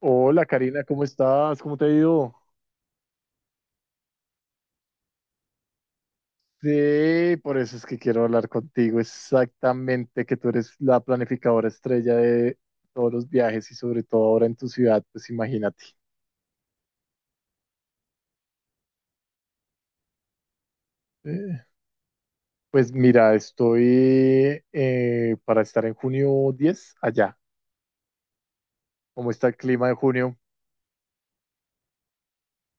Hola Karina, ¿cómo estás? ¿Cómo te ha ido? Sí, por eso es que quiero hablar contigo exactamente, que tú eres la planificadora estrella de todos los viajes y sobre todo ahora en tu ciudad, pues imagínate. Eh, pues mira, estoy para estar en junio 10 allá. ¿Cómo está el clima en junio?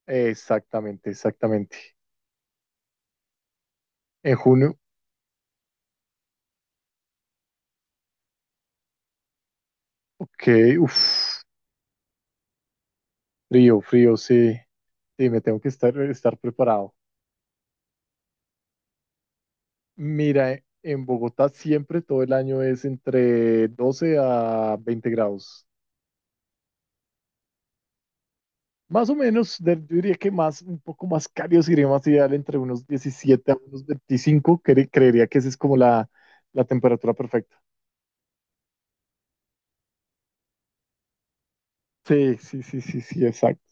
Exactamente, exactamente. En junio, ok, uff, frío, frío, sí, sí, me tengo que estar preparado. Mira, en Bogotá siempre todo el año es entre 12 a 20 grados. Más o menos, yo diría que más, un poco más cálido si sería más ideal entre unos 17 a unos 25. Creería que esa es como la temperatura perfecta. Sí, sí, sí, sí, sí, exacto.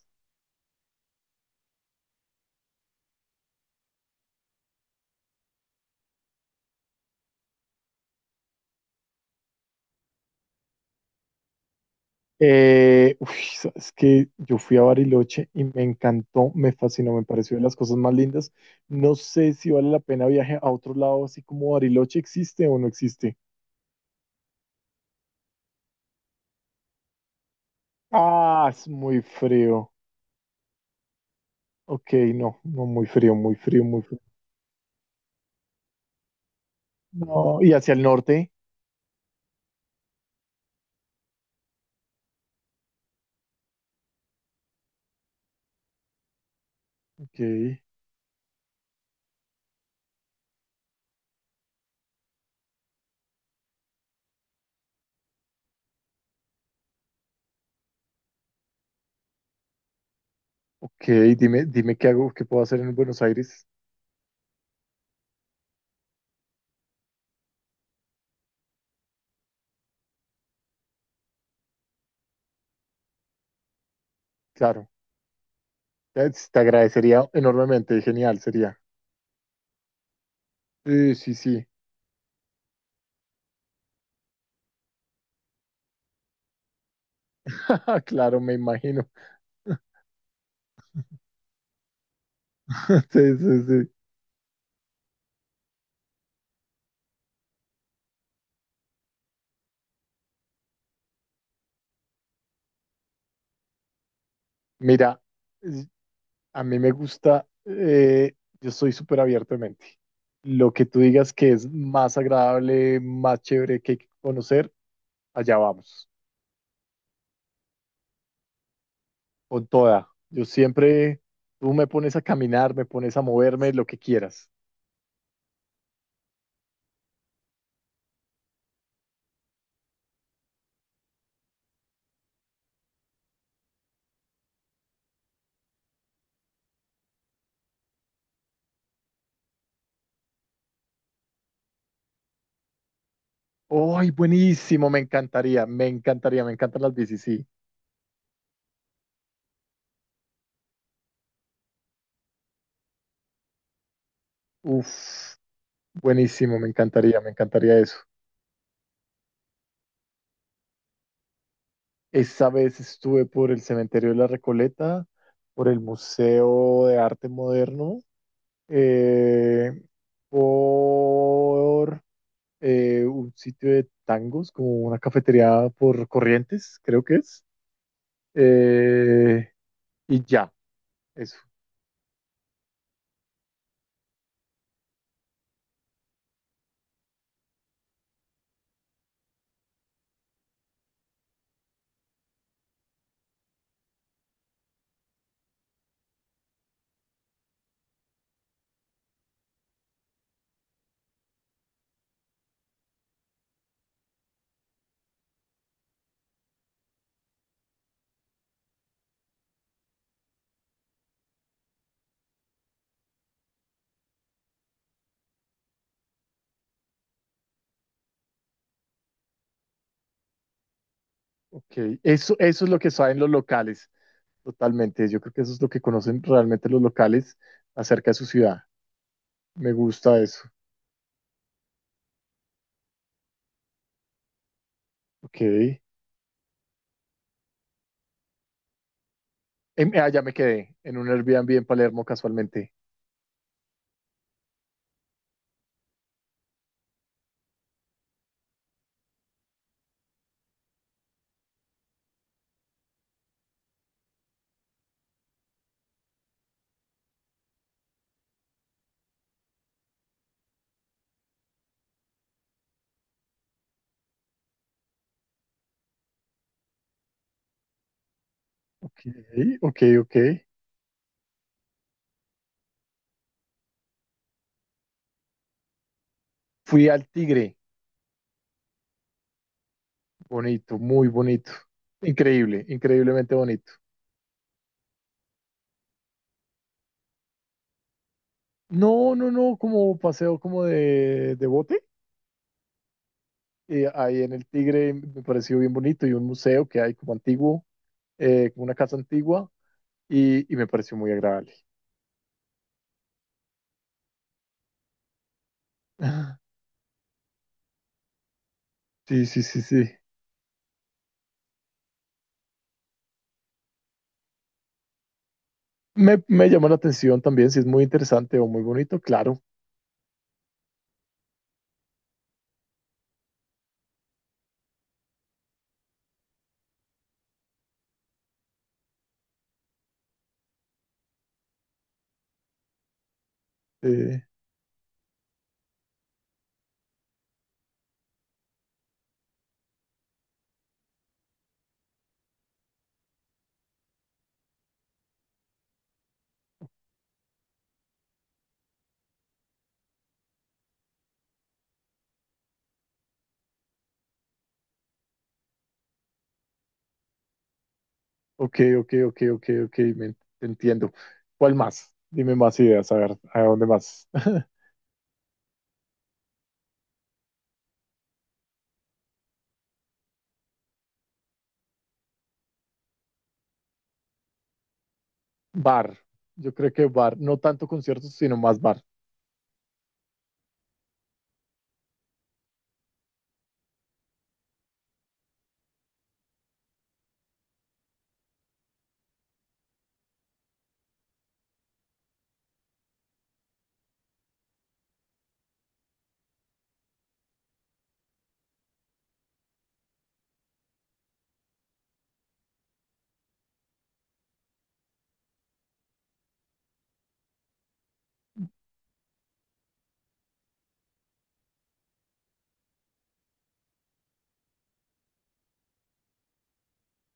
Uy, sabes que yo fui a Bariloche y me encantó, me fascinó, me pareció de las cosas más lindas. No sé si vale la pena viaje a otro lado, así como Bariloche existe o no existe. Ah, es muy frío. Ok, no, no, muy frío, muy frío, muy frío. No, y hacia el norte. Ok, ok, dime, dime qué hago, qué puedo hacer en Buenos Aires. Claro, te agradecería enormemente, genial sería. Sí, sí, sí. Claro, me imagino. Sí, sí, sí. Mira, es- a mí me gusta, yo soy súper abierto de mente. Lo que tú digas que es más agradable, más chévere que hay que conocer, allá vamos. Con toda. Yo siempre, tú me pones a caminar, me pones a moverme, lo que quieras. ¡Ay, buenísimo! Me encantaría, me encantaría, me encantan las bicis, sí. Uf, buenísimo, me encantaría eso. Esa vez estuve por el Cementerio de la Recoleta, por el Museo de Arte Moderno, eh, por un sitio de tangos, como una cafetería por Corrientes, creo que es. Eh, y ya, eso. Ok, eso es lo que saben los locales, totalmente. Yo creo que eso es lo que conocen realmente los locales acerca de su ciudad. Me gusta eso. Ok. Ah, ya me quedé en un Airbnb en Palermo casualmente. Ok, ok, ok. Fui al Tigre. Bonito, muy bonito. Increíble, increíblemente bonito. No, no, no, como paseo como de bote. Ahí en el Tigre me pareció bien bonito y un museo que hay como antiguo, como una casa antigua y me pareció muy agradable. Ah, sí, sí, sí, sí. Me llama la atención también, si es muy interesante o muy bonito, claro. Eh, ok, ok, ok, ok, ok, te entiendo. ¿Cuál más? Dime más ideas, a ver, ¿a dónde más? Bar, yo creo que bar, no tanto conciertos, sino más bar.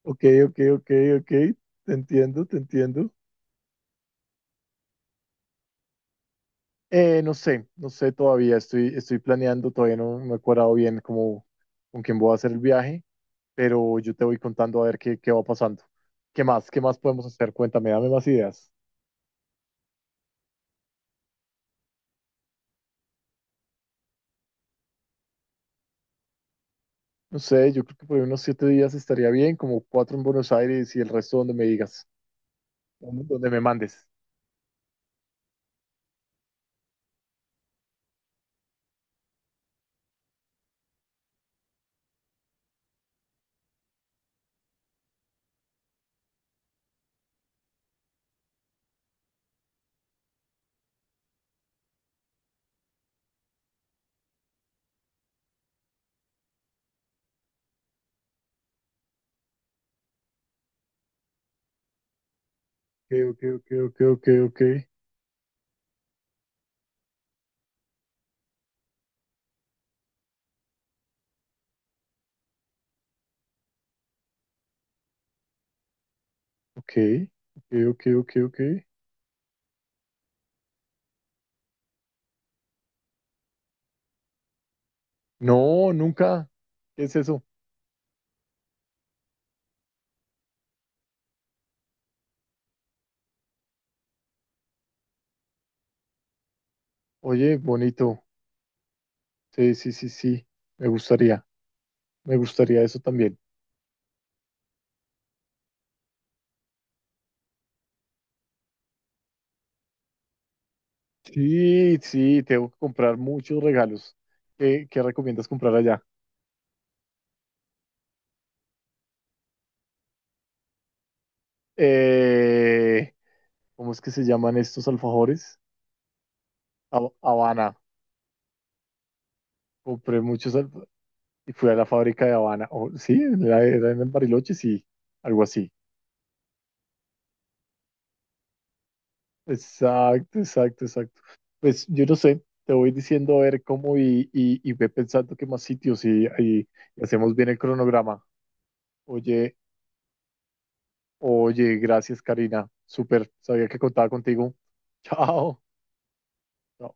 Ok, ok, ok, ok, te entiendo, te entiendo. No sé, no sé todavía, estoy planeando, todavía no me he cuadrado bien como con quién voy a hacer el viaje, pero yo te voy contando a ver qué va pasando. ¿Qué más? ¿Qué más podemos hacer? Cuéntame, dame más ideas. No sé, yo creo que por ahí unos 7 días estaría bien, como cuatro en Buenos Aires y el resto donde me digas, donde me mandes. Ok, ok, ok, ok, ok, ok, ok, ok, ok, ok, ok. No, nunca. ¿Qué es eso? Oye, bonito. Sí, sí, sí, sí. Me gustaría, me gustaría eso también. Sí, sí, tengo que comprar muchos regalos. ¿Qué recomiendas comprar allá? Eh, ¿Cómo es que se llaman estos alfajores? Habana. Compré muchos y fui a la fábrica de Habana. Oh, sí, era en Bariloche, sí, algo así. Exacto, exacto, exacto. Pues yo no sé, te voy diciendo a ver cómo y ve pensando qué más sitios y hacemos bien el cronograma. Oye, oye, gracias, Karina. Súper, sabía que contaba contigo. Chao. Chao.